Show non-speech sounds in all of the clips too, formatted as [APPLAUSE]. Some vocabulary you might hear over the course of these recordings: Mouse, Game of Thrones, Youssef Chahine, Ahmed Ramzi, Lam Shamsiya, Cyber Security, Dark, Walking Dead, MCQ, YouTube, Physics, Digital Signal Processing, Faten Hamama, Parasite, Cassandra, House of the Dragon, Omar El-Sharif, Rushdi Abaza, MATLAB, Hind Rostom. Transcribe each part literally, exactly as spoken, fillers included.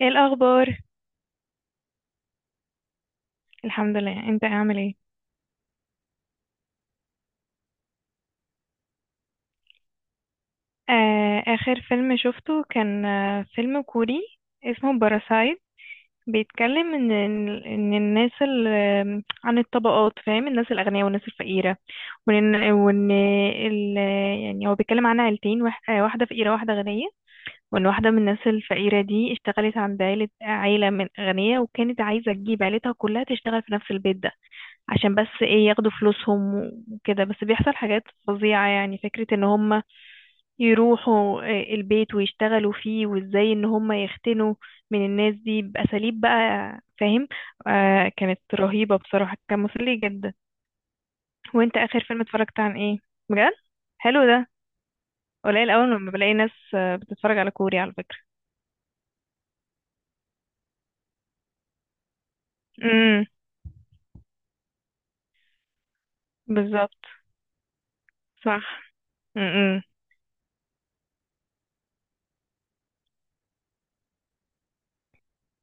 ايه الاخبار. الحمد لله، انت عامل ايه؟ آه، اخر فيلم شفته كان آه فيلم كوري اسمه باراسايت. بيتكلم ان ان الناس ال- آم، عن الطبقات، فاهم، الناس الاغنياء والناس الفقيره. وان وان ال يعني هو بيتكلم عن عيلتين، واح- آه، واحده فقيره واحده غنيه. وان واحده من الناس الفقيره دي اشتغلت عند عيله عيله من غنيه، وكانت عايزه تجيب عيلتها كلها تشتغل في نفس البيت ده، عشان بس ايه، ياخدوا فلوسهم. وكده، بس بيحصل حاجات فظيعة، يعني فكرة ان هم يروحوا آه، البيت ويشتغلوا فيه، وازاي ان هم يختنوا من الناس دي بأساليب بقى، فاهم. آه، كانت رهيبة بصراحة، كان مسلي جدا. وانت اخر فيلم اتفرجت عن ايه؟ بجد حلو ده، قليل اول لما بلاقي ناس آه، بتتفرج على كوري على فكرة. امم، بالظبط، صح. امم.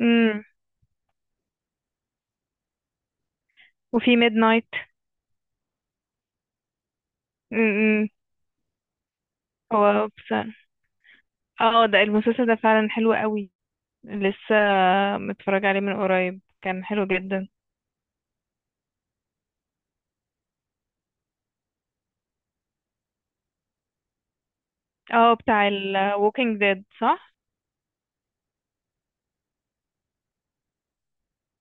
امم. وفي ميد نايت. امم. هو بس، اه ده المسلسل ده فعلا حلو قوي. لسه متفرج عليه من قريب، كان حلو جدا. اه، بتاع ال Walking Dead، صح؟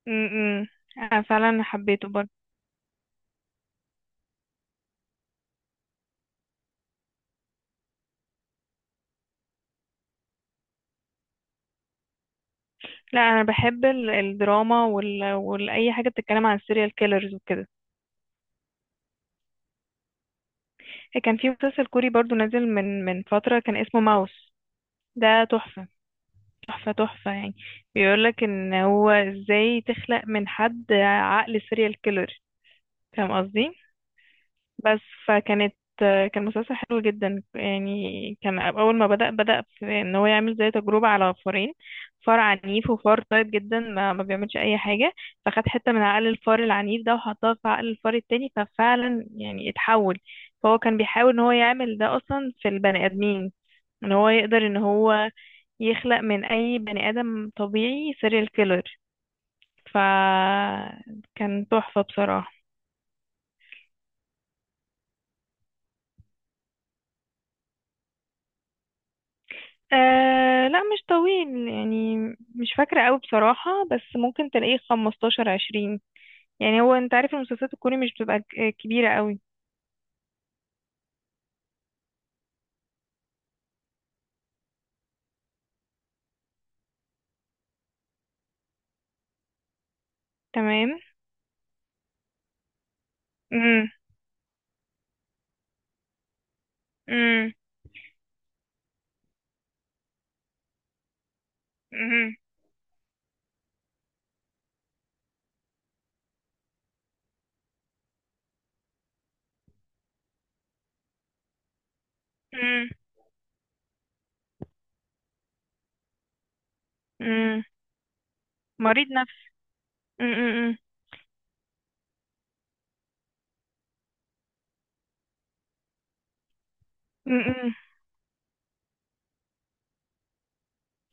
م -م. انا فعلا حبيته برضه. لا، انا بحب ال- الدراما وال... والاي حاجه بتتكلم عن السيريال كيلرز وكده. كان في مسلسل كوري برضه نازل من من فتره، كان اسمه ماوس. ده تحفه، تحفه تحفه يعني. بيقولك ان هو ازاي تخلق من حد عقل سيريال كيلر، فاهم قصدي. بس فكانت كان مسلسل حلو جدا يعني. كان اول ما بدأ بدأ في ان هو يعمل زي تجربة على فارين، فار عنيف وفار طيب جدا ما, ما بيعملش اي حاجة. فخد حتة من عقل الفار العنيف ده وحطها في عقل الفار التاني، ففعلا يعني اتحول. فهو كان بيحاول ان هو يعمل ده اصلا في البني ادمين، ان هو يقدر ان هو يخلق من اي بني ادم طبيعي سيريال كيلر. فكان تحفة بصراحة. آه لا، مش طويل يعني، مش فاكرة قوي بصراحة، بس ممكن تلاقيه خمستاشر، عشرين. يعني هو انت عارف المسلسلات الكوري مش بتبقى ك- آه، كبيرة قوي. تمام. مم. مم. مم. مم. مم. مريض نفسي. مم. مم. مم. مم.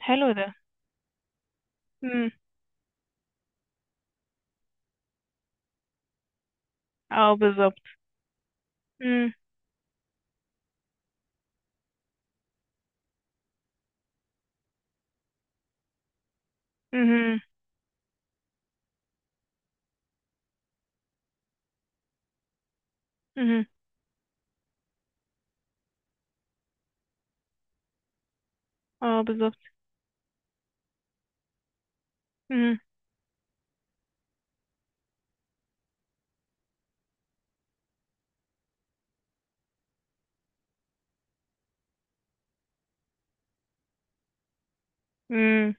حلو ده. مم. اه بالظبط. مم. مم. مم. اه بالظبط. مم. مم.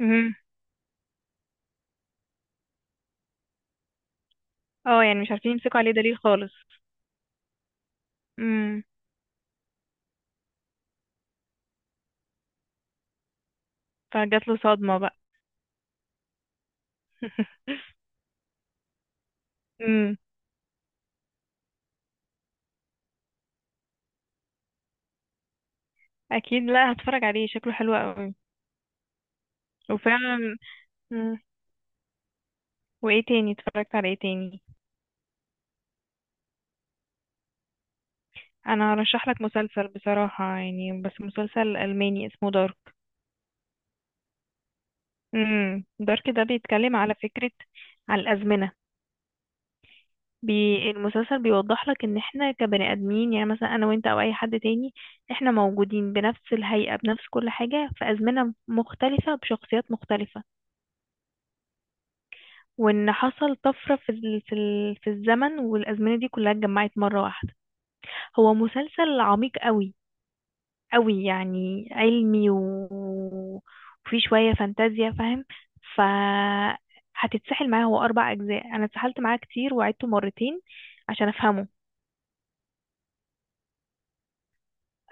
مم. اه يعني مش عارفين يمسكوا عليه دليل خالص. مم. فجات له صدمة بقى. [LAUGHS] مم. اكيد لا، هتفرج عليه، شكله حلو قوي. وفعلا. مم. وايه تاني، اتفرجت على ايه تاني؟ انا هرشح لك مسلسل بصراحة يعني، بس مسلسل الماني اسمه دارك. امم، دارك ده بيتكلم على فكرة على الازمنة. بي المسلسل بيوضح لك ان احنا كبني ادمين، يعني مثلا انا وانت او اي حد تاني، احنا موجودين بنفس الهيئة بنفس كل حاجة في ازمنة مختلفة بشخصيات مختلفة، وان حصل طفرة في ال- في ال- في الزمن والازمنة دي كلها اتجمعت مرة واحدة. هو مسلسل عميق قوي قوي يعني، علمي و- وفي شوية فانتازيا، فاهم. ف هتتسحل معاه، هو أربع أجزاء، أنا اتسحلت معاه كتير وعدته مرتين عشان أفهمه.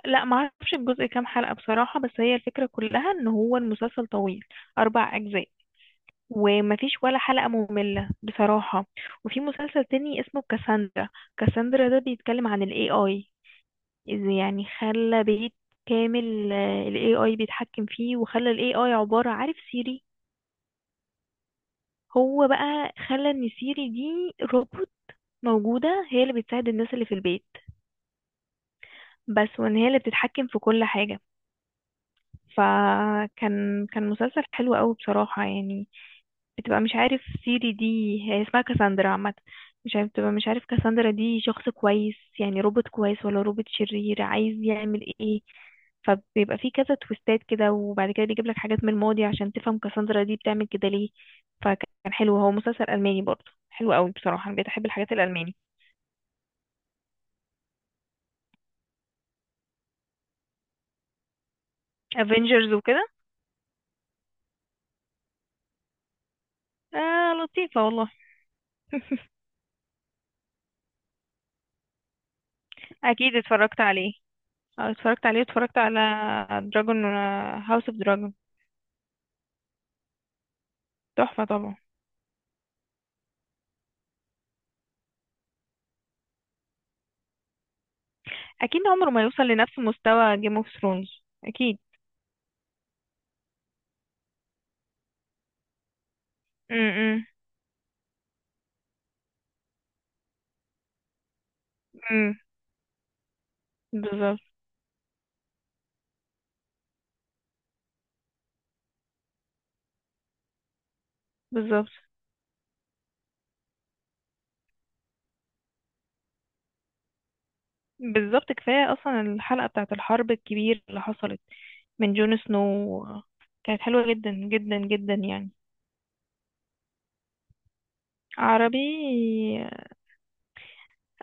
لا، معرفش الجزء كام حلقة بصراحة، بس هي الفكرة كلها إن هو المسلسل طويل، أربع أجزاء، ومفيش ولا حلقة مملة بصراحة. وفي مسلسل تاني اسمه كاساندرا. كاساندرا ده بيتكلم عن ال إيه آي. إذا يعني خلى بيت كامل آه، ال إيه آي بيتحكم فيه، وخلى ال إيه آي عبارة عارف سيري. هو بقى خلى ان سيري دي روبوت موجودة هي اللي بتساعد الناس اللي في البيت بس، وان هي اللي بتتحكم في كل حاجة. فكان كان مسلسل حلو قوي بصراحة يعني. بتبقى مش عارف سيري دي، هي اسمها كاساندرا عامة، مش عارف، بتبقى مش عارف كاساندرا دي شخص كويس يعني روبوت كويس ولا روبوت شرير عايز يعمل ايه. فبيبقى في كذا تويستات كده، وبعد كده بيجيب لك حاجات من الماضي عشان تفهم كاساندرا دي بتعمل كده ليه. فكان حلو، هو مسلسل ألماني برضه، حلو قوي بصراحة، انا بقيت احب الحاجات الألماني. افنجرز وكده. آه لطيفة والله. [LAUGHS] اكيد اتفرجت عليه. آه، اتفرجت عليه، اتفرجت على دراجون هاوس اوف دراجون. تحفة طبعا. اكيد عمره ما يوصل لنفس مستوى جيم اوف ثرونز اكيد. امم. امم، بالظبط. بالظبط. بالظبط، كفايه اصلا الحلقه بتاعه الحرب الكبير اللي حصلت من جون سنو، كانت حلوه جدا جدا جدا يعني. عربي.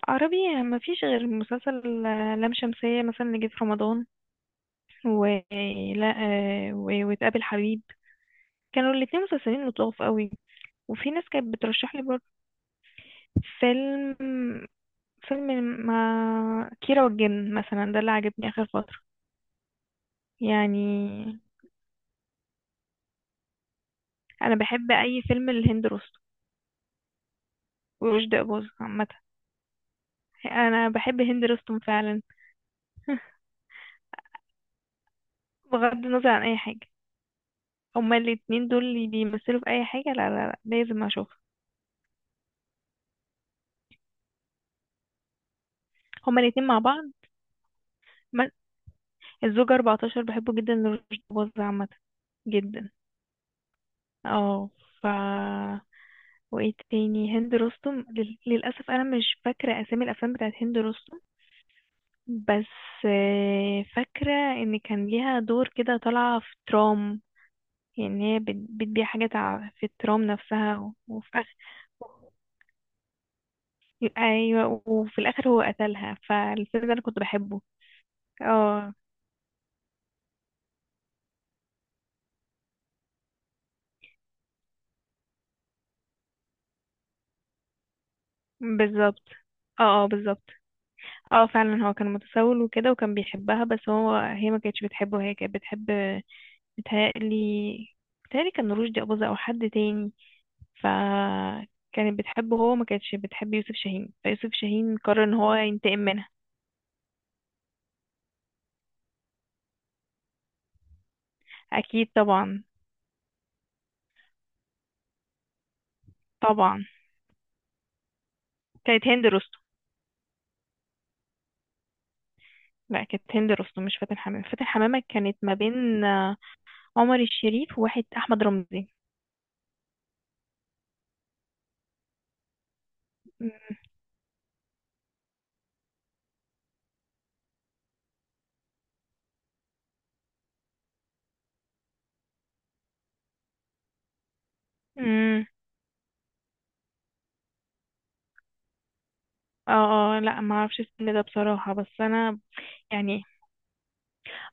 عربي ما فيش غير مسلسل لام شمسية مثلا اللي جه في رمضان، و لا آه، و- وتقابل حبيب. كانوا الاتنين مسلسلين لطاف قوي، وفي ناس كانت بترشح لي برضه. فيلم. فيلم ما كيرة والجن مثلا ده اللي عجبني آخر فترة يعني. أنا بحب أي فيلم لهند رستم ورشدي أباظة عامة. أنا بحب هند رستم فعلا. بغض النظر عن أي حاجة، هما الاتنين دول اللي بيمثلوا في أي حاجة، لا لا لا، لازم أشوفها. هما الاتنين مع بعض. ما- الزوجة أربعة عشر، بحبه جدا لرشدي أباظة عامة. جدا. اه. ف وايه تاني، هند رستم لل... للأسف أنا مش فاكرة أسامي الأفلام بتاعت هند رستم. بس آه، فاكرة ان كان ليها دور كده طالعة في ترام، يعني هي بت- بتبيع حاجات ع- في الترام نفسها، و- وفي آخر. ايوه، وفي الاخر هو قتلها، فالفيلم ده انا كنت بحبه. اه بالظبط. اه اه بالظبط. اه فعلا هو كان متسول وكده وكان بيحبها، بس هو هي ما كانتش بتحبه، هي كانت بتحب، بتهيألي بتهيألي كان رشدي أباظة أو حد تاني. فكانت بتحبه، هو ما كانتش بتحب يوسف شاهين، فيوسف شاهين قرر ان هو ينتقم منها. اكيد طبعا. طبعا، كانت هند رستم. لا، كانت هند رستم مش فاتن حمامة، فاتن حمامة كانت ما بين آه، عمر الشريف وواحد احمد رمزي. امم. اه اه لا، ما اعرفش الفيلم ده بصراحة، بس انا يعني.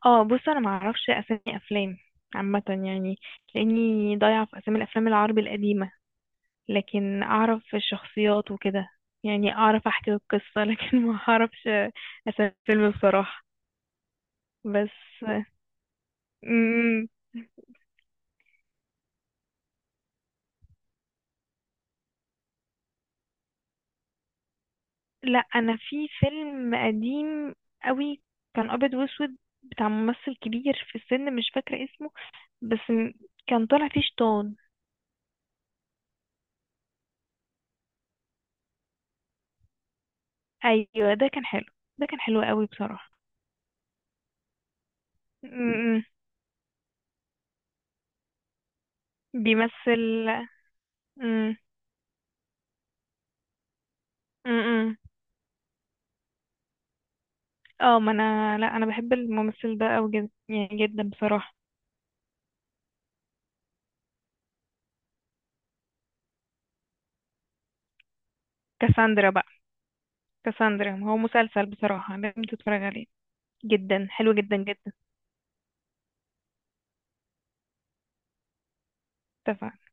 اه بص، انا ما اعرفش اسامي افلام عامة يعني، لاني ضايعة في اسامي الافلام العربي القديمة، لكن اعرف الشخصيات وكده، يعني اعرف احكي القصة لكن [LAUGHS] ما اعرفش اسامي الفيلم بصراحة. بس. مم. لا، انا في فيلم قديم قوي كان ابيض واسود بتاع ممثل كبير في السن مش فاكرة اسمه، بس م- كان طالع فيه شيطان. ايوه، ده كان حلو، ده كان حلو قوي بصراحة. م- م. بيمثل. م- م- م. اه، ما انا لا انا بحب الممثل ده قوي جدا يعني، جدا بصراحة. كاساندرا بقى. كاساندرا هو مسلسل بصراحة لازم تتفرج عليه، جدا حلو جدا جدا. اتفق.